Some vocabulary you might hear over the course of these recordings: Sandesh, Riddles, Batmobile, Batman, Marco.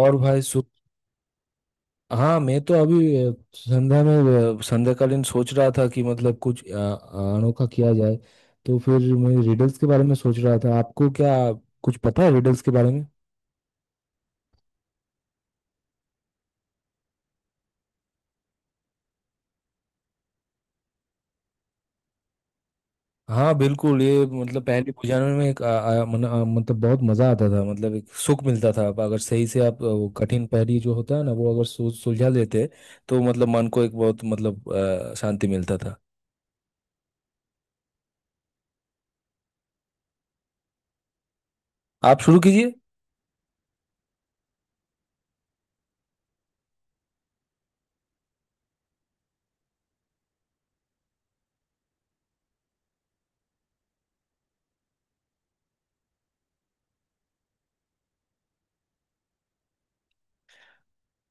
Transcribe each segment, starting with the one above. और भाई सु हाँ मैं तो अभी संध्या में संध्याकालीन सोच रहा था कि मतलब कुछ अनोखा किया जाए। तो फिर मैं रिडल्स के बारे में सोच रहा था, आपको क्या कुछ पता है रिडल्स के बारे में? हाँ बिल्कुल, ये मतलब पहले बुझाने में एक आ, आ, मन, मतलब बहुत मजा आता था, मतलब एक सुख मिलता था। आप अगर सही से आप वो कठिन पहेली जो होता है ना वो अगर सुलझा लेते तो मतलब मन को एक बहुत मतलब शांति मिलता था। आप शुरू कीजिए।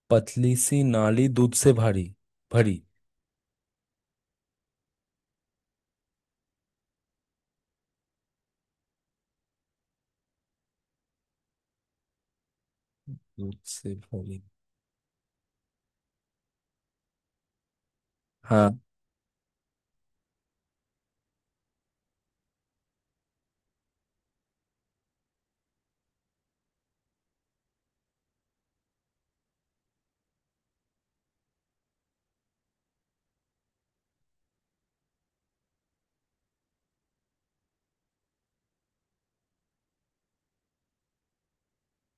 पतली सी नाली दूध से भारी भरी। दूध से भरी। हाँ।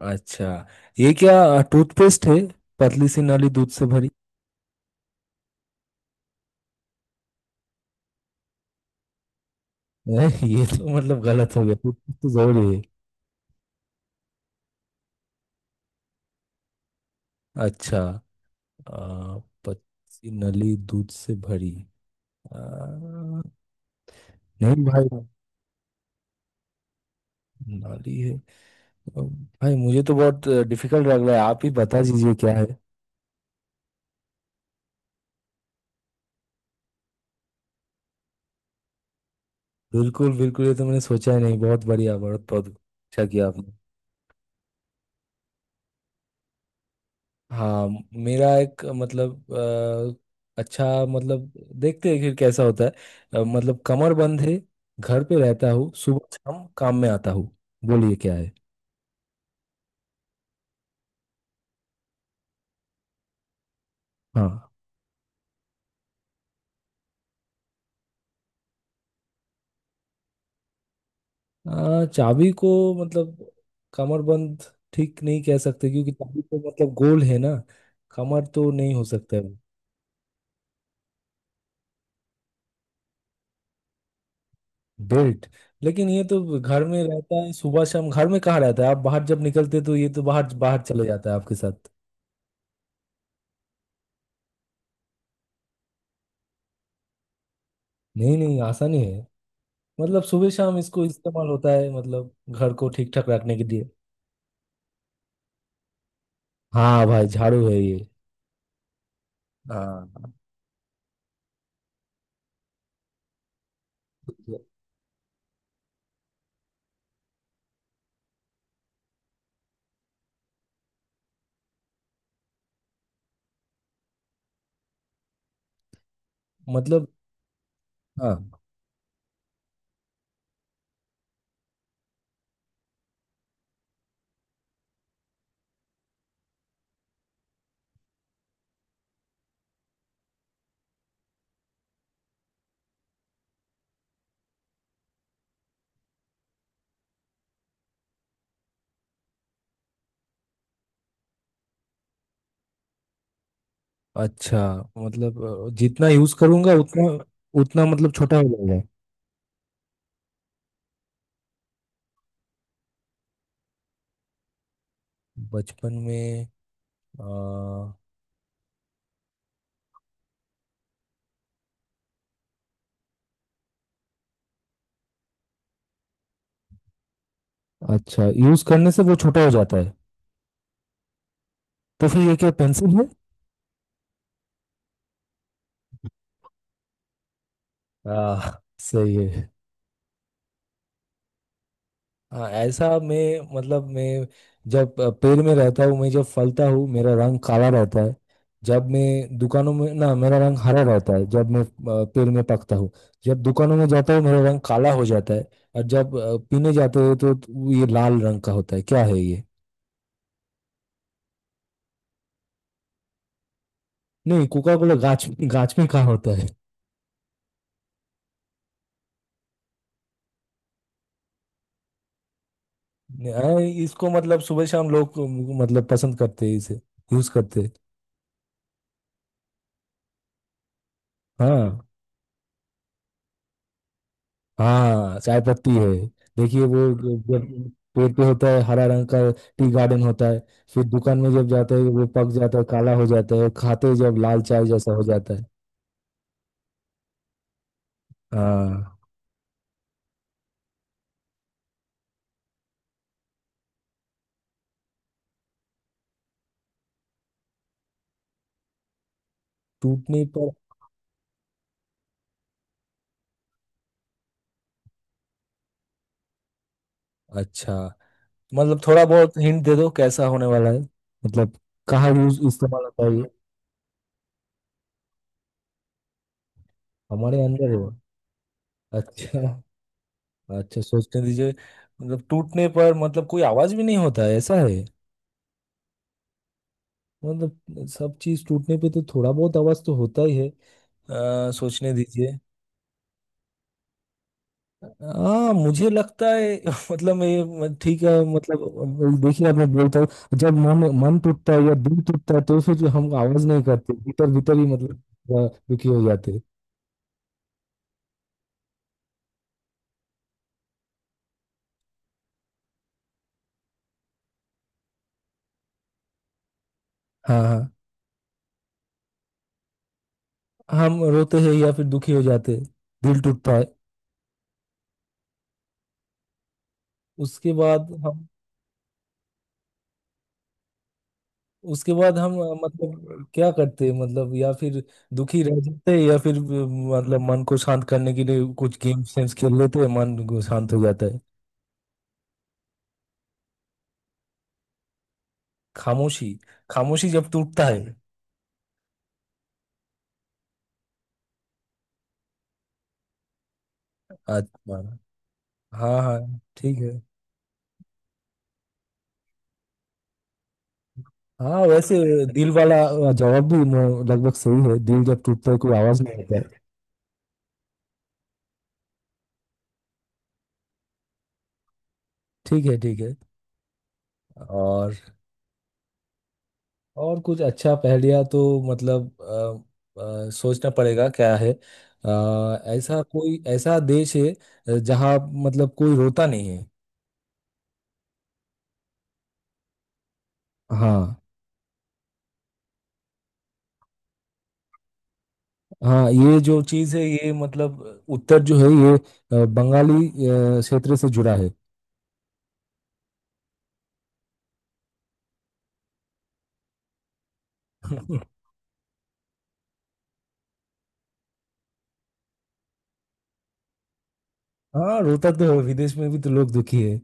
अच्छा, ये क्या टूथपेस्ट है? पतली सी नाली दूध से भरी है। ये तो मतलब गलत हो गया, टूथपेस्ट तो जरूरी है। अच्छा। आ, पतली सी नली दूध से भरी। आ, नहीं भाई नाली है। भाई मुझे तो बहुत डिफिकल्ट लग रहा है, आप ही बता दीजिए क्या है। बिल्कुल बिल्कुल, ये तो मैंने सोचा ही नहीं। बहुत बढ़िया, बहुत बहुत अच्छा किया आपने। हाँ, मेरा एक मतलब अच्छा मतलब देखते हैं फिर कैसा होता है। मतलब कमर बंद है, घर पे रहता हूँ, सुबह शाम काम में आता हूँ। बोलिए क्या है। हाँ, चाबी को मतलब कमर बंद ठीक नहीं कह सकते क्योंकि चाबी तो मतलब गोल है ना, कमर तो नहीं हो सकता है। बेल्ट। लेकिन ये तो घर में रहता है सुबह शाम, घर में कहाँ रहता है, आप बाहर जब निकलते तो ये तो बाहर बाहर चले जाता है आपके साथ। नहीं नहीं, आसानी है। मतलब सुबह शाम इसको इस्तेमाल होता है, मतलब घर को ठीक ठाक रखने के लिए। हाँ भाई झाड़ू है ये। हाँ। मतलब हाँ। अच्छा मतलब जितना यूज करूंगा उतना, उतना मतलब छोटा हो जाएगा। बचपन में आ, अच्छा यूज करने से वो छोटा हो जाता है? तो फिर ये क्या पेंसिल है? आ, सही है। हाँ ऐसा, मैं जब पेड़ में रहता हूँ, मैं जब फलता हूँ मेरा रंग काला रहता है। जब मैं दुकानों में ना मेरा रंग हरा रहता है। जब मैं पेड़ में पकता हूँ, जब दुकानों में जाता हूँ मेरा रंग काला हो जाता है। और जब पीने जाते हैं तो ये लाल रंग का होता है। क्या है ये? नहीं, कोका कोला गाछ, गाछ में कहाँ होता है? नहीं, इसको मतलब सुबह शाम लोग मतलब पसंद करते हैं इसे, यूज करते हैं। हाँ हाँ चाय पत्ती है। देखिए वो जब पेड़ पे होता है हरा रंग का, टी गार्डन होता है। फिर दुकान में जब जाते हैं वो पक जाता है काला हो जाता है, खाते ही जब लाल चाय जैसा हो जाता है। हाँ। टूटने पर। अच्छा, मतलब थोड़ा बहुत हिंट दे दो कैसा होने वाला है। मतलब कहाँ यूज इस्तेमाल होता है ये? हमारे अंदर है? अच्छा। अच्छा, सोचने दीजिए। मतलब टूटने पर मतलब कोई आवाज भी नहीं होता है, ऐसा है? मतलब सब चीज टूटने पे तो थोड़ा बहुत आवाज तो होता ही है। सोचने दीजिए। हाँ मुझे लगता है मतलब ये ठीक है मतलब देखिए अब मैं बोलता हूँ। जब मन मन टूटता है या दिल टूटता है तो फिर हम आवाज नहीं करते, भीतर भीतर ही मतलब दुखी हो जाते हैं। हाँ हाँ। हम रोते हैं या फिर दुखी हो जाते हैं, दिल टूटता है। उसके बाद हम उसके बाद हम मतलब क्या करते हैं, मतलब या फिर दुखी रह जाते हैं या फिर मतलब मन को शांत करने के लिए कुछ गेम सेम्स खेल लेते हैं, मन को शांत हो जाता है। खामोशी। खामोशी जब टूटता है। अच्छा। हाँ हाँ ठीक है। हाँ वैसे दिल वाला जवाब भी लगभग सही है, दिल जब टूटता है कोई आवाज नहीं होता है। ठीक है ठीक है। और। और कुछ अच्छा पहेलियाँ तो मतलब सोचना पड़ेगा क्या है। ऐसा कोई ऐसा देश है जहाँ मतलब कोई रोता नहीं है। हाँ। हाँ ये जो चीज है ये मतलब उत्तर जो है ये बंगाली क्षेत्र से जुड़ा है। हाँ, रोता तो है विदेश में भी तो लोग दुखी है।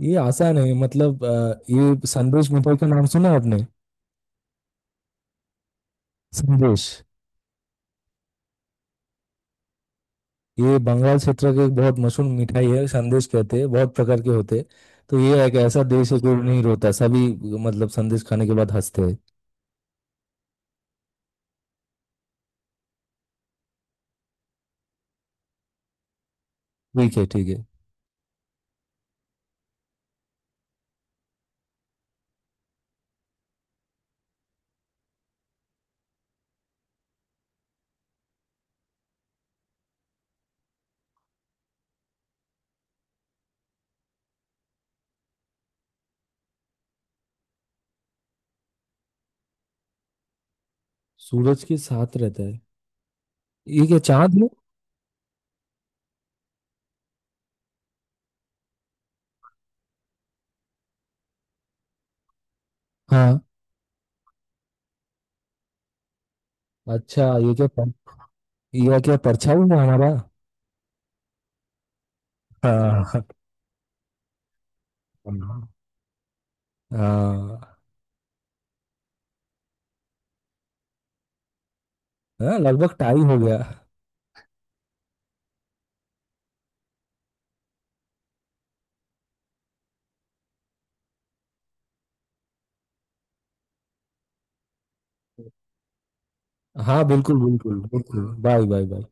ये आसान है, मतलब ये संदेश मिठाई का नाम सुना है आपने? संदेश। ये बंगाल क्षेत्र की एक बहुत मशहूर मिठाई है, संदेश कहते हैं, बहुत प्रकार के होते हैं। तो ये एक ऐसा देश है जो नहीं रोता सभी, मतलब संदेश खाने के बाद हंसते हैं। ठीक है ठीक है। सूरज के साथ रहता है, ये क्या चांद है? हाँ। अच्छा। ये क्या ये क्या परछाई है हमारा? हाँ हाँ। हाँ। हाँ, लगभग टाई हो गया। हाँ बिल्कुल बिल्कुल बिल्कुल, बाय बाय बाय।